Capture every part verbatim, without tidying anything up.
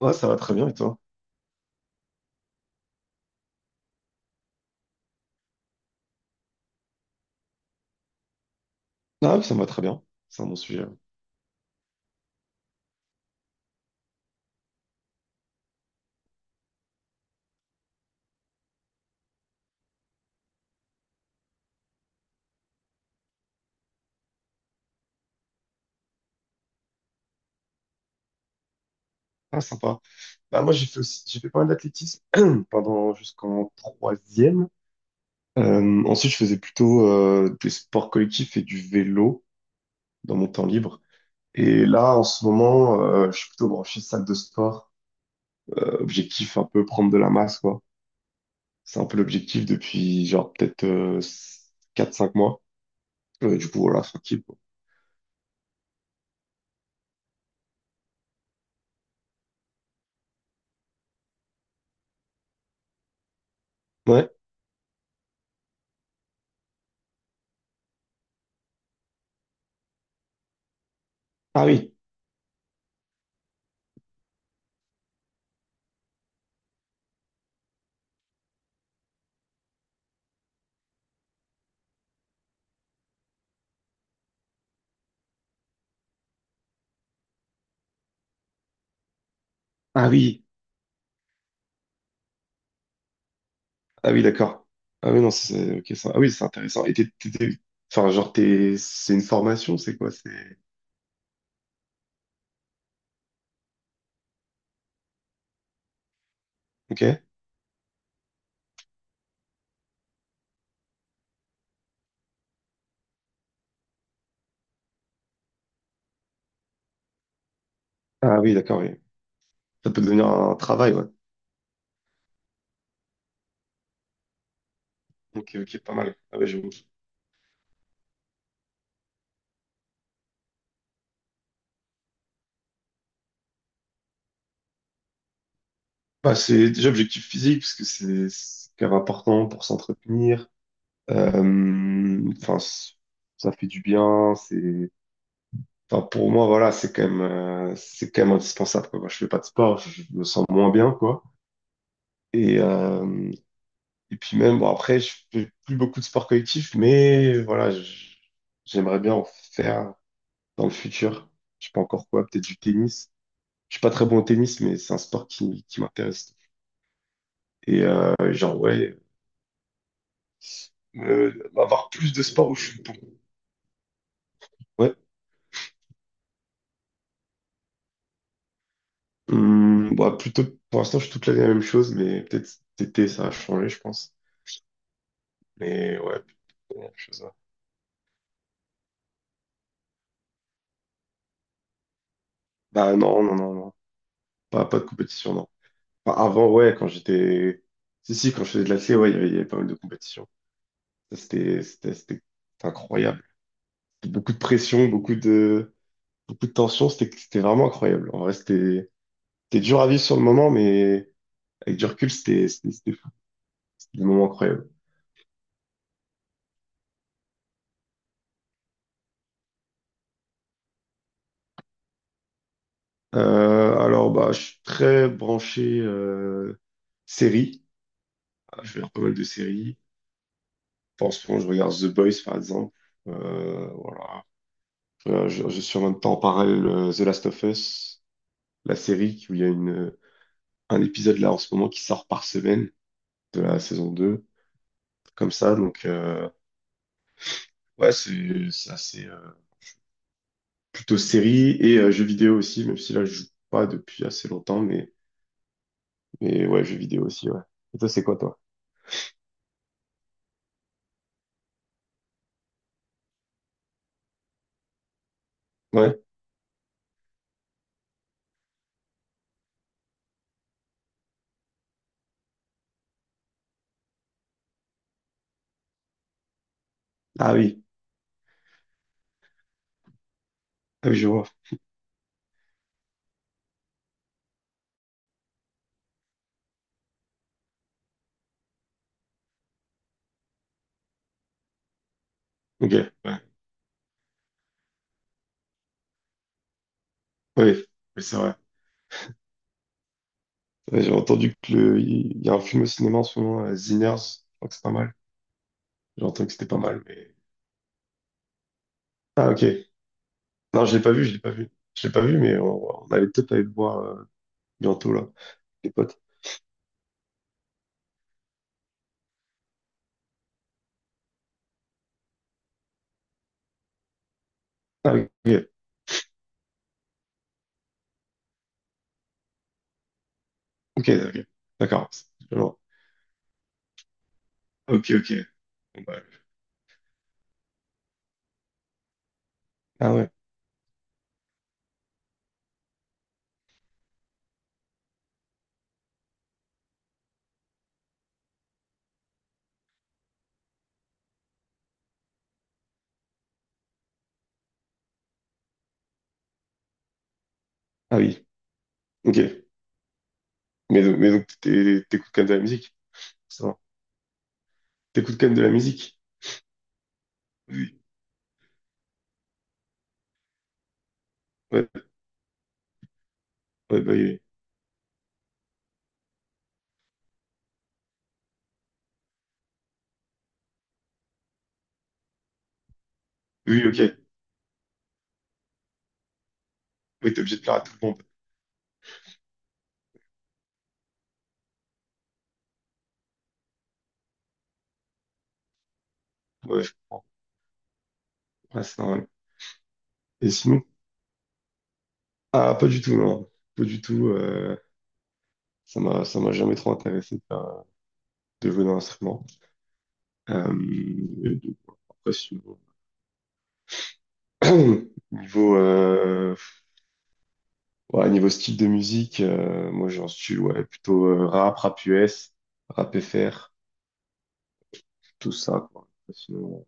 Ouais, ça va très bien, et toi? Ah, oui, ça me va très bien. C'est un bon sujet. Ah, sympa. Bah, moi, j'ai fait aussi, j'ai fait pas mal d'athlétisme pendant jusqu'en troisième. Euh, ensuite, je faisais plutôt euh, des sports collectifs et du vélo dans mon temps libre. Et là, en ce moment, euh, je suis plutôt branché salle de sport. Euh, objectif un peu prendre de la masse, quoi. C'est un peu l'objectif depuis genre peut-être euh, quatre cinq mois. Euh, du coup, voilà, tranquille, quoi. Ouais. Ah oui. Ah oui. Ah oui, d'accord. Ah oui, non, c'est ok, ça. Ah oui, c'est intéressant. Et t'es, t'es- t'es- enfin, genre, t'es, c'est une formation, c'est quoi? C'est. Ok. Ah oui, d'accord, oui. Ça peut devenir un travail, ouais. Ok, ok, pas mal. Ah ouais, j'avoue. Bah, c'est déjà objectif physique, parce que c'est c'est quand même important pour s'entretenir. Euh, enfin, c- ça fait du bien. C'est, enfin, pour moi, voilà, c'est quand même, euh, c'est quand même indispensable, quoi. Moi, je fais pas de sport, je je me sens moins bien, quoi. Et, euh, Et puis même, bon, après, je fais plus beaucoup de sports collectifs, mais voilà, je- j'aimerais bien en faire dans le futur. Je sais pas encore quoi, peut-être du tennis. Je suis pas très bon au tennis, mais c'est un sport qui, qui m'intéresse. Et euh, genre, ouais, euh, avoir plus de sports où je suis bon. Ouais. Hum, bah, plutôt, pour l'instant, je suis toute l'année la même chose, mais peut-être cet été, ça a changé, je pense. Mais ouais, plutôt la même chose. Ouais. Bah non, non, non, non. Pas, pas de compétition, non. Enfin, avant, ouais, quand j'étais. Si, si, quand je faisais de l'athlé, ouais, il y avait il y avait pas mal de compétitions. C'était c'était- c'était incroyable. Beaucoup de pression, beaucoup de, beaucoup de tension. C'était c'était vraiment incroyable. En vrai, c'était c'était dur à vivre sur le moment, mais avec du recul, c'était c'était c'était fou. C'était des moments incroyables. Euh, alors, bah, je suis très branché euh, séries. Je regarde pas mal de séries. Enfin, en ce moment, je regarde The Boys, par exemple. Euh, voilà. Euh, Je, je suis en même temps en parallèle euh, The Last of Us, la série où il y a une, un épisode là en ce moment qui sort par semaine de la saison deux comme ça. Donc, euh, ouais, c'est c'est assez euh, plutôt série et euh, jeux vidéo aussi, même si là, je joue pas depuis assez longtemps, mais, mais ouais, jeux vidéo aussi, ouais. Et toi, c'est quoi, toi? Ouais. Ah oui, ah oui, je vois. Ok, ouais. Oui, oui, c'est vrai. Ouais, j'ai entendu que le, il y a un film au cinéma en ce moment, euh, Sinners. Je crois que c'est pas mal. J'ai entendu que c'était pas mal, mais. Ah, ok. Non, je l'ai pas vu, je l'ai pas vu. Je l'ai pas vu, mais on, on allait peut-être aller le voir euh, bientôt, là, les potes. Ah, oui, ok. Ok, ok. D'accord. Alors. Ok, ok. Bon, bah. Ah ouais. Ah oui. Ok. Mais, donc- mais donc, t'é- t'écoutes quand même de la musique. Ça va. T'écoutes quand même de la musique. Oui. Ouais. Ouais, bah oui. Oui, oui, ok. Oui, t'es obligé de plaire à tout le monde. Ouais, je comprends. Ouais, c'est normal. Et sinon? Ah, pas du tout, non. Pas du tout. euh, ça m'a, ça m'a jamais trop intéressé de, faire- de jouer d'un instrument. Euh, et donc, après, sinon- niveau, euh, ouais, niveau style de musique, euh, moi, j'en suis, ouais, plutôt euh, rap, rap U S, rap F R, tout ça, quoi. Sinon,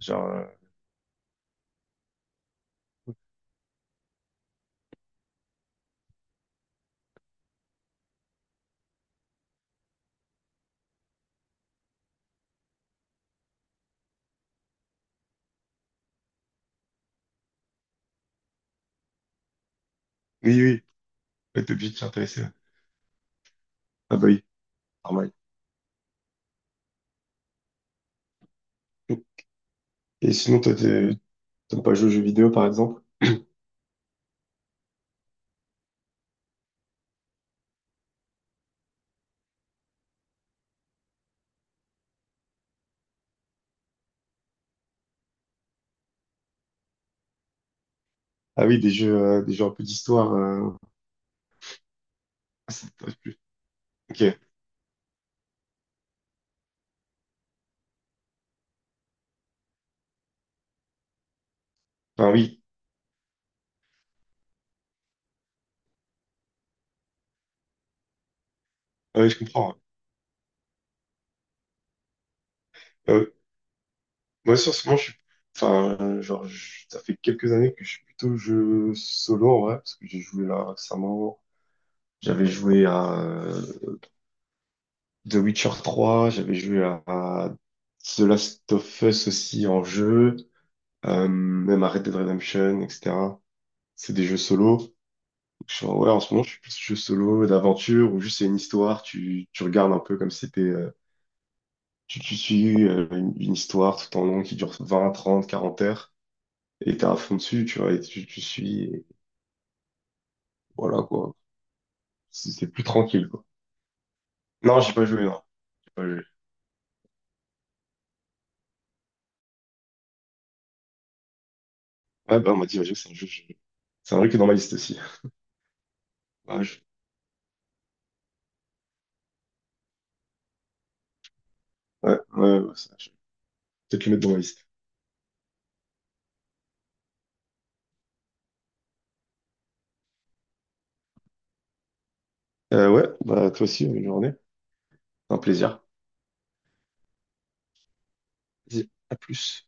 genre. euh, Oui, oui, ouais, t'es obligé de t'intéresser. Ouais. Ah bah oui, normal. Et sinon, toi, t'es- t'aimes pas jouer aux jeux vidéo, par exemple? Ah oui, des jeux, euh, des jeux un peu d'histoire, euh, ah, ça t'intéresse plus. Ok, enfin oui, ah ouais, je comprends. Ouais. Euh, moi, sur ce moment, je suis, enfin, euh, genre, je- ça fait quelques années que je suis plutôt jeu solo, en vrai, parce que j'ai joué là récemment. J'avais joué à euh, The Witcher trois, j'avais joué à, à The Last of Us aussi en jeu, euh, même à Red Dead Redemption, et cetera. C'est des jeux solo. je suis en- ouais, en ce moment, je suis plus jeu solo d'aventure où juste c'est une histoire, tu, tu regardes un peu comme si c'était, euh, tu, tu suis euh, une, une histoire tout en long qui dure vingt trente quarante heures et t'es à fond dessus, tu vois, et tu, tu suis, et voilà quoi. C'est c'est plus tranquille quoi. Non, j'ai pas joué, non, j'ai pas joué. Ouais, bah, on m'a dit, ouais, c'est un jeu, que j'ai- c'est un jeu qui est dans ma liste aussi. Ouais, je- ouais, ouais, ouais, ça, je vais peut-être le mettre dans ma liste. Euh, ouais, bah toi aussi, bonne journée. Un plaisir. Vas-y, à plus.